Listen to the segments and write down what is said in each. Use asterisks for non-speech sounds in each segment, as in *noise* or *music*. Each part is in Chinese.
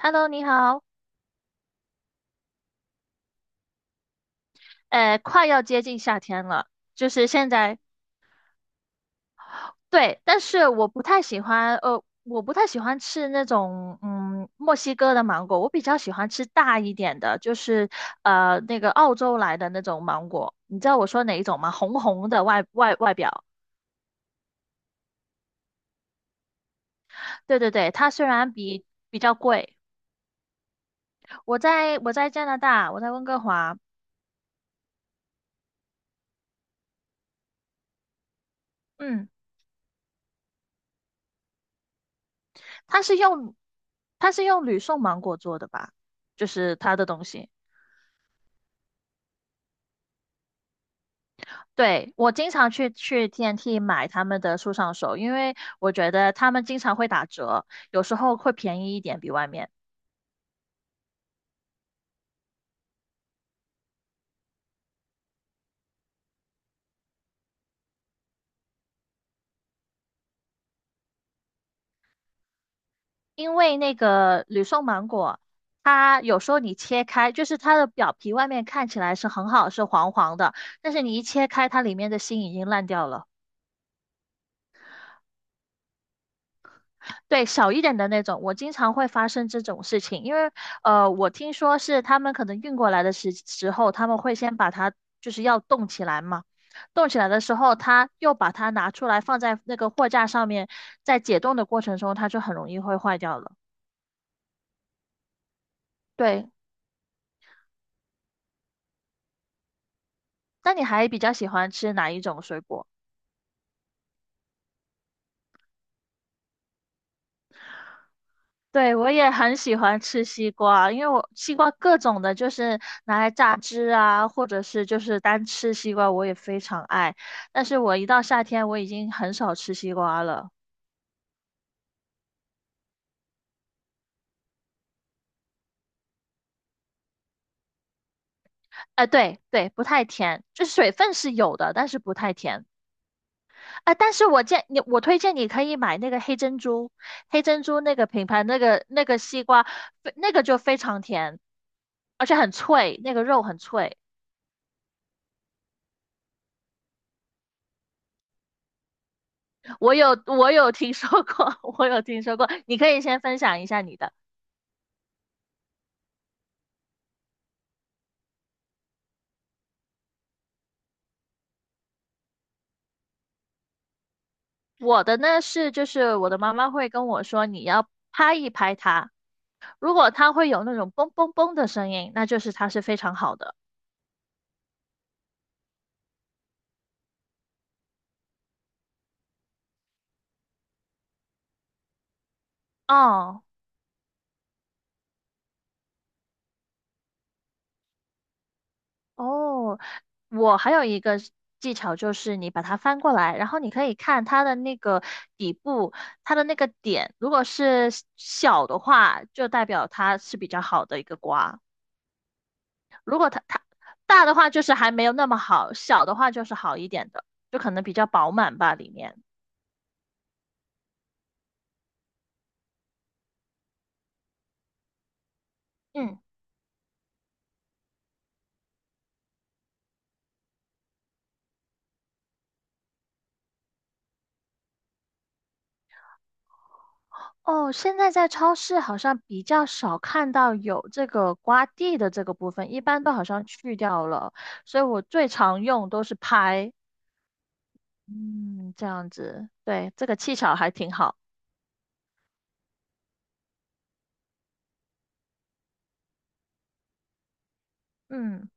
Hello，你好，快要接近夏天了，就是现在，对，但是我不太喜欢，我不太喜欢吃那种，嗯，墨西哥的芒果，我比较喜欢吃大一点的，就是那个澳洲来的那种芒果，你知道我说哪一种吗？红红的外表，对对对，它虽然比较贵，我在加拿大，我在温哥华，嗯，它是用它是用吕宋芒果做的吧，就是它的东西。对，我经常去 TNT 买他们的树上手，因为我觉得他们经常会打折，有时候会便宜一点比外面。因为那个吕宋芒果，它有时候你切开，就是它的表皮外面看起来是很好，是黄黄的，但是你一切开，它里面的心已经烂掉了。对，小一点的那种，我经常会发生这种事情，因为我听说是他们可能运过来的时候，他们会先把它就是要冻起来嘛，冻起来的时候，他又把它拿出来放在那个货架上面，在解冻的过程中，它就很容易会坏掉了。对，那你还比较喜欢吃哪一种水果？对，我也很喜欢吃西瓜，因为我西瓜各种的，就是拿来榨汁啊，或者是就是单吃西瓜，我也非常爱。但是我一到夏天，我已经很少吃西瓜了。哎、对对，不太甜，就是水分是有的，但是不太甜。哎、但是我建你，我推荐你可以买那个黑珍珠，黑珍珠那个品牌，那个西瓜，那个就非常甜，而且很脆，那个肉很脆。我有听说过，*laughs* 我有听说过。你可以先分享一下你的。我的呢是，就是我的妈妈会跟我说，你要拍一拍它，如果它会有那种嘣嘣嘣的声音，那就是它是非常好的。哦哦，我还有一个技巧就是你把它翻过来，然后你可以看它的那个底部，它的那个点，如果是小的话，就代表它是比较好的一个瓜。如果它大的话就是还没有那么好，小的话就是好一点的，就可能比较饱满吧里面。嗯，哦，现在在超市好像比较少看到有这个刮地的这个部分，一般都好像去掉了，所以我最常用都是拍。嗯，这样子，对，这个技巧还挺好。嗯，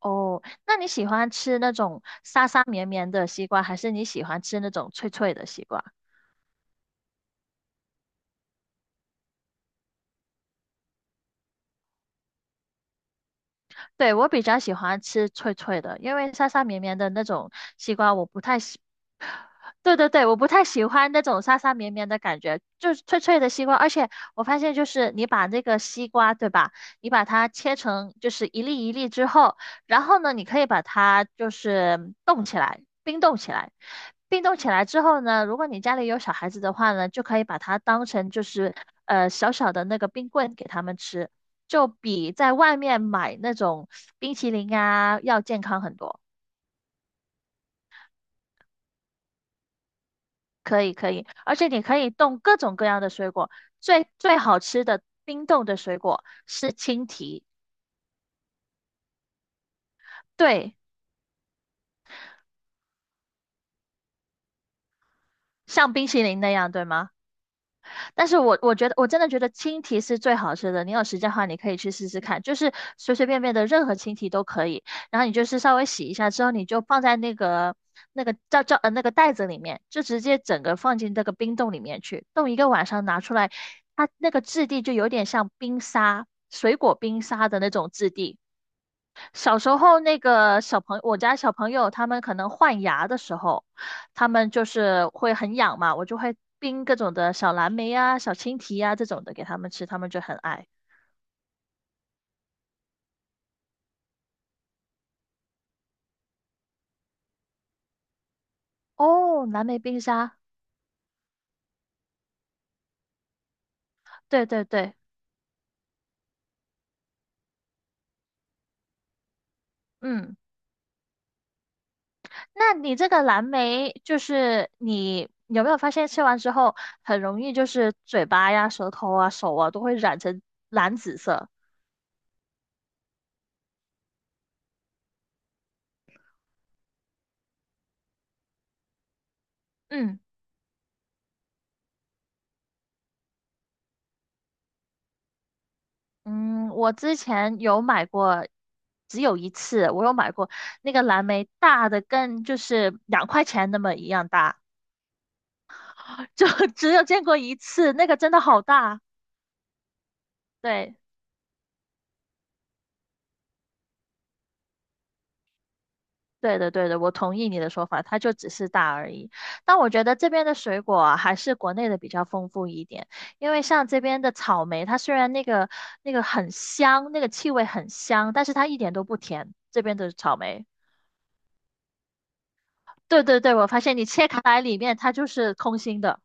哦，那你喜欢吃那种沙沙绵绵的西瓜，还是你喜欢吃那种脆脆的西瓜？对，我比较喜欢吃脆脆的，因为沙沙绵绵的那种西瓜我不太喜对对对，我不太喜欢那种沙沙绵绵的感觉，就是脆脆的西瓜。而且我发现，就是你把那个西瓜，对吧？你把它切成就是一粒一粒之后，然后呢，你可以把它就是冻起来，冰冻起来。冰冻起来之后呢，如果你家里有小孩子的话呢，就可以把它当成就是小小的那个冰棍给他们吃，就比在外面买那种冰淇淋啊要健康很多。可以可以，而且你可以冻各种各样的水果，最最好吃的冰冻的水果是青提，对，像冰淇淋那样，对吗？但是我觉得我真的觉得青提是最好吃的，你有时间的话你可以去试试看，就是随随便便的任何青提都可以，然后你就是稍微洗一下之后，你就放在那个叫那个袋子里面，就直接整个放进这个冰冻里面去，冻一个晚上拿出来，它那个质地就有点像冰沙，水果冰沙的那种质地。小时候那个小朋我家小朋友他们可能换牙的时候，他们就是会很痒嘛，我就会冰各种的小蓝莓呀、小青提呀、这种的给他们吃，他们就很爱。哦，蓝莓冰沙，对对对，嗯，那你这个蓝莓就是你有没有发现吃完之后很容易就是嘴巴呀、舌头啊、手啊都会染成蓝紫色？嗯。嗯，我之前有买过，只有一次，我有买过那个蓝莓，大的跟就是两块钱那么一样大，*laughs* 就只有见过一次，那个真的好大。对，对的，对的，我同意你的说法，它就只是大而已。但我觉得这边的水果啊还是国内的比较丰富一点，因为像这边的草莓，它虽然那个那个很香，那个气味很香，但是它一点都不甜，这边的草莓。对对对，我发现你切开来里面它就是空心的。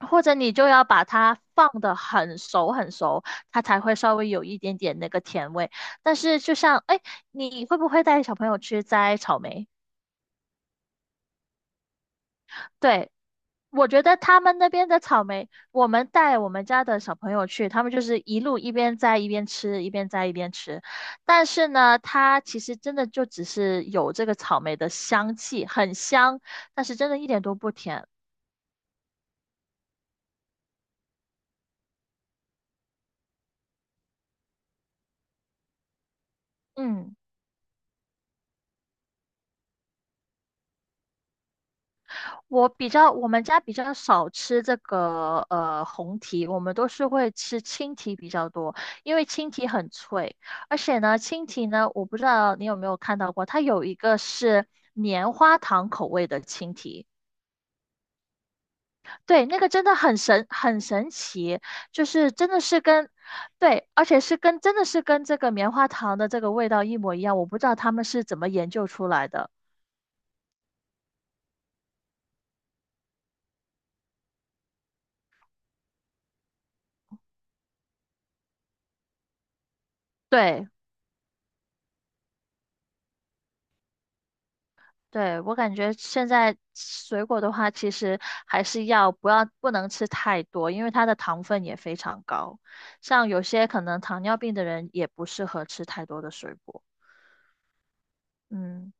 或者你就要把它放得很熟很熟，它才会稍微有一点点那个甜味。但是就像，哎，你会不会带小朋友去摘草莓？对，我觉得他们那边的草莓，我们带我们家的小朋友去，他们就是一路一边摘一边吃，一边摘一边吃。但是呢，它其实真的就只是有这个草莓的香气，很香，但是真的一点都不甜。嗯。我比较，我们家比较少吃这个红提，我们都是会吃青提比较多，因为青提很脆，而且呢，青提呢，我不知道你有没有看到过，它有一个是棉花糖口味的青提，对，那个真的很神，很神奇，就是真的是跟，对，而且是跟真的是跟这个棉花糖的这个味道一模一样，我不知道他们是怎么研究出来的，对。对，我感觉现在水果的话，其实还是不能吃太多，因为它的糖分也非常高。像有些可能糖尿病的人也不适合吃太多的水果。嗯。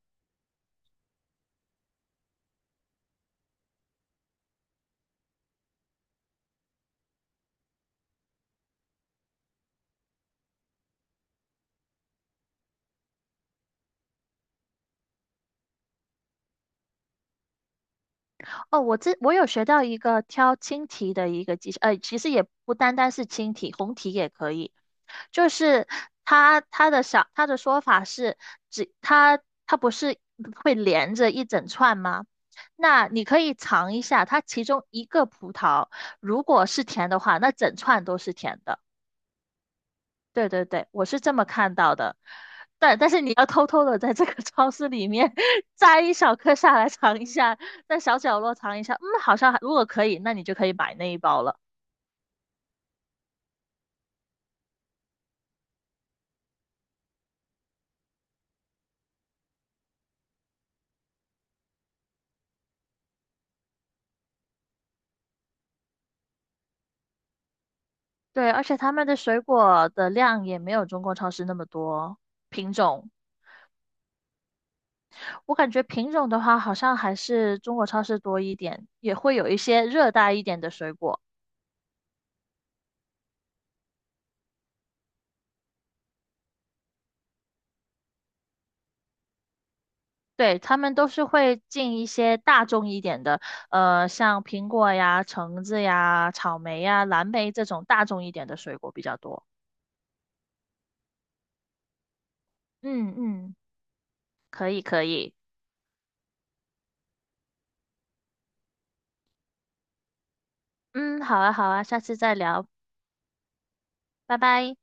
哦，我有学到一个挑青提的一个技巧，呃，其实也不单单是青提，红提也可以。就是它的说法是，只它它不是会连着一整串吗？那你可以尝一下，它其中一个葡萄如果是甜的话，那整串都是甜的。对对对，我是这么看到的，但是你要偷偷的在这个 *laughs* 超市里面摘一小颗下来尝一下，在小角落尝一下，嗯，好像还如果可以，那你就可以买那一包了。对，而且他们的水果的量也没有中国超市那么多品种，我感觉品种的话好像还是中国超市多一点，也会有一些热带一点的水果。对，他们都是会进一些大众一点的，呃，像苹果呀、橙子呀、草莓呀、蓝莓这种大众一点的水果比较多。嗯嗯，可以可以，嗯，好啊好啊，下次再聊，拜拜。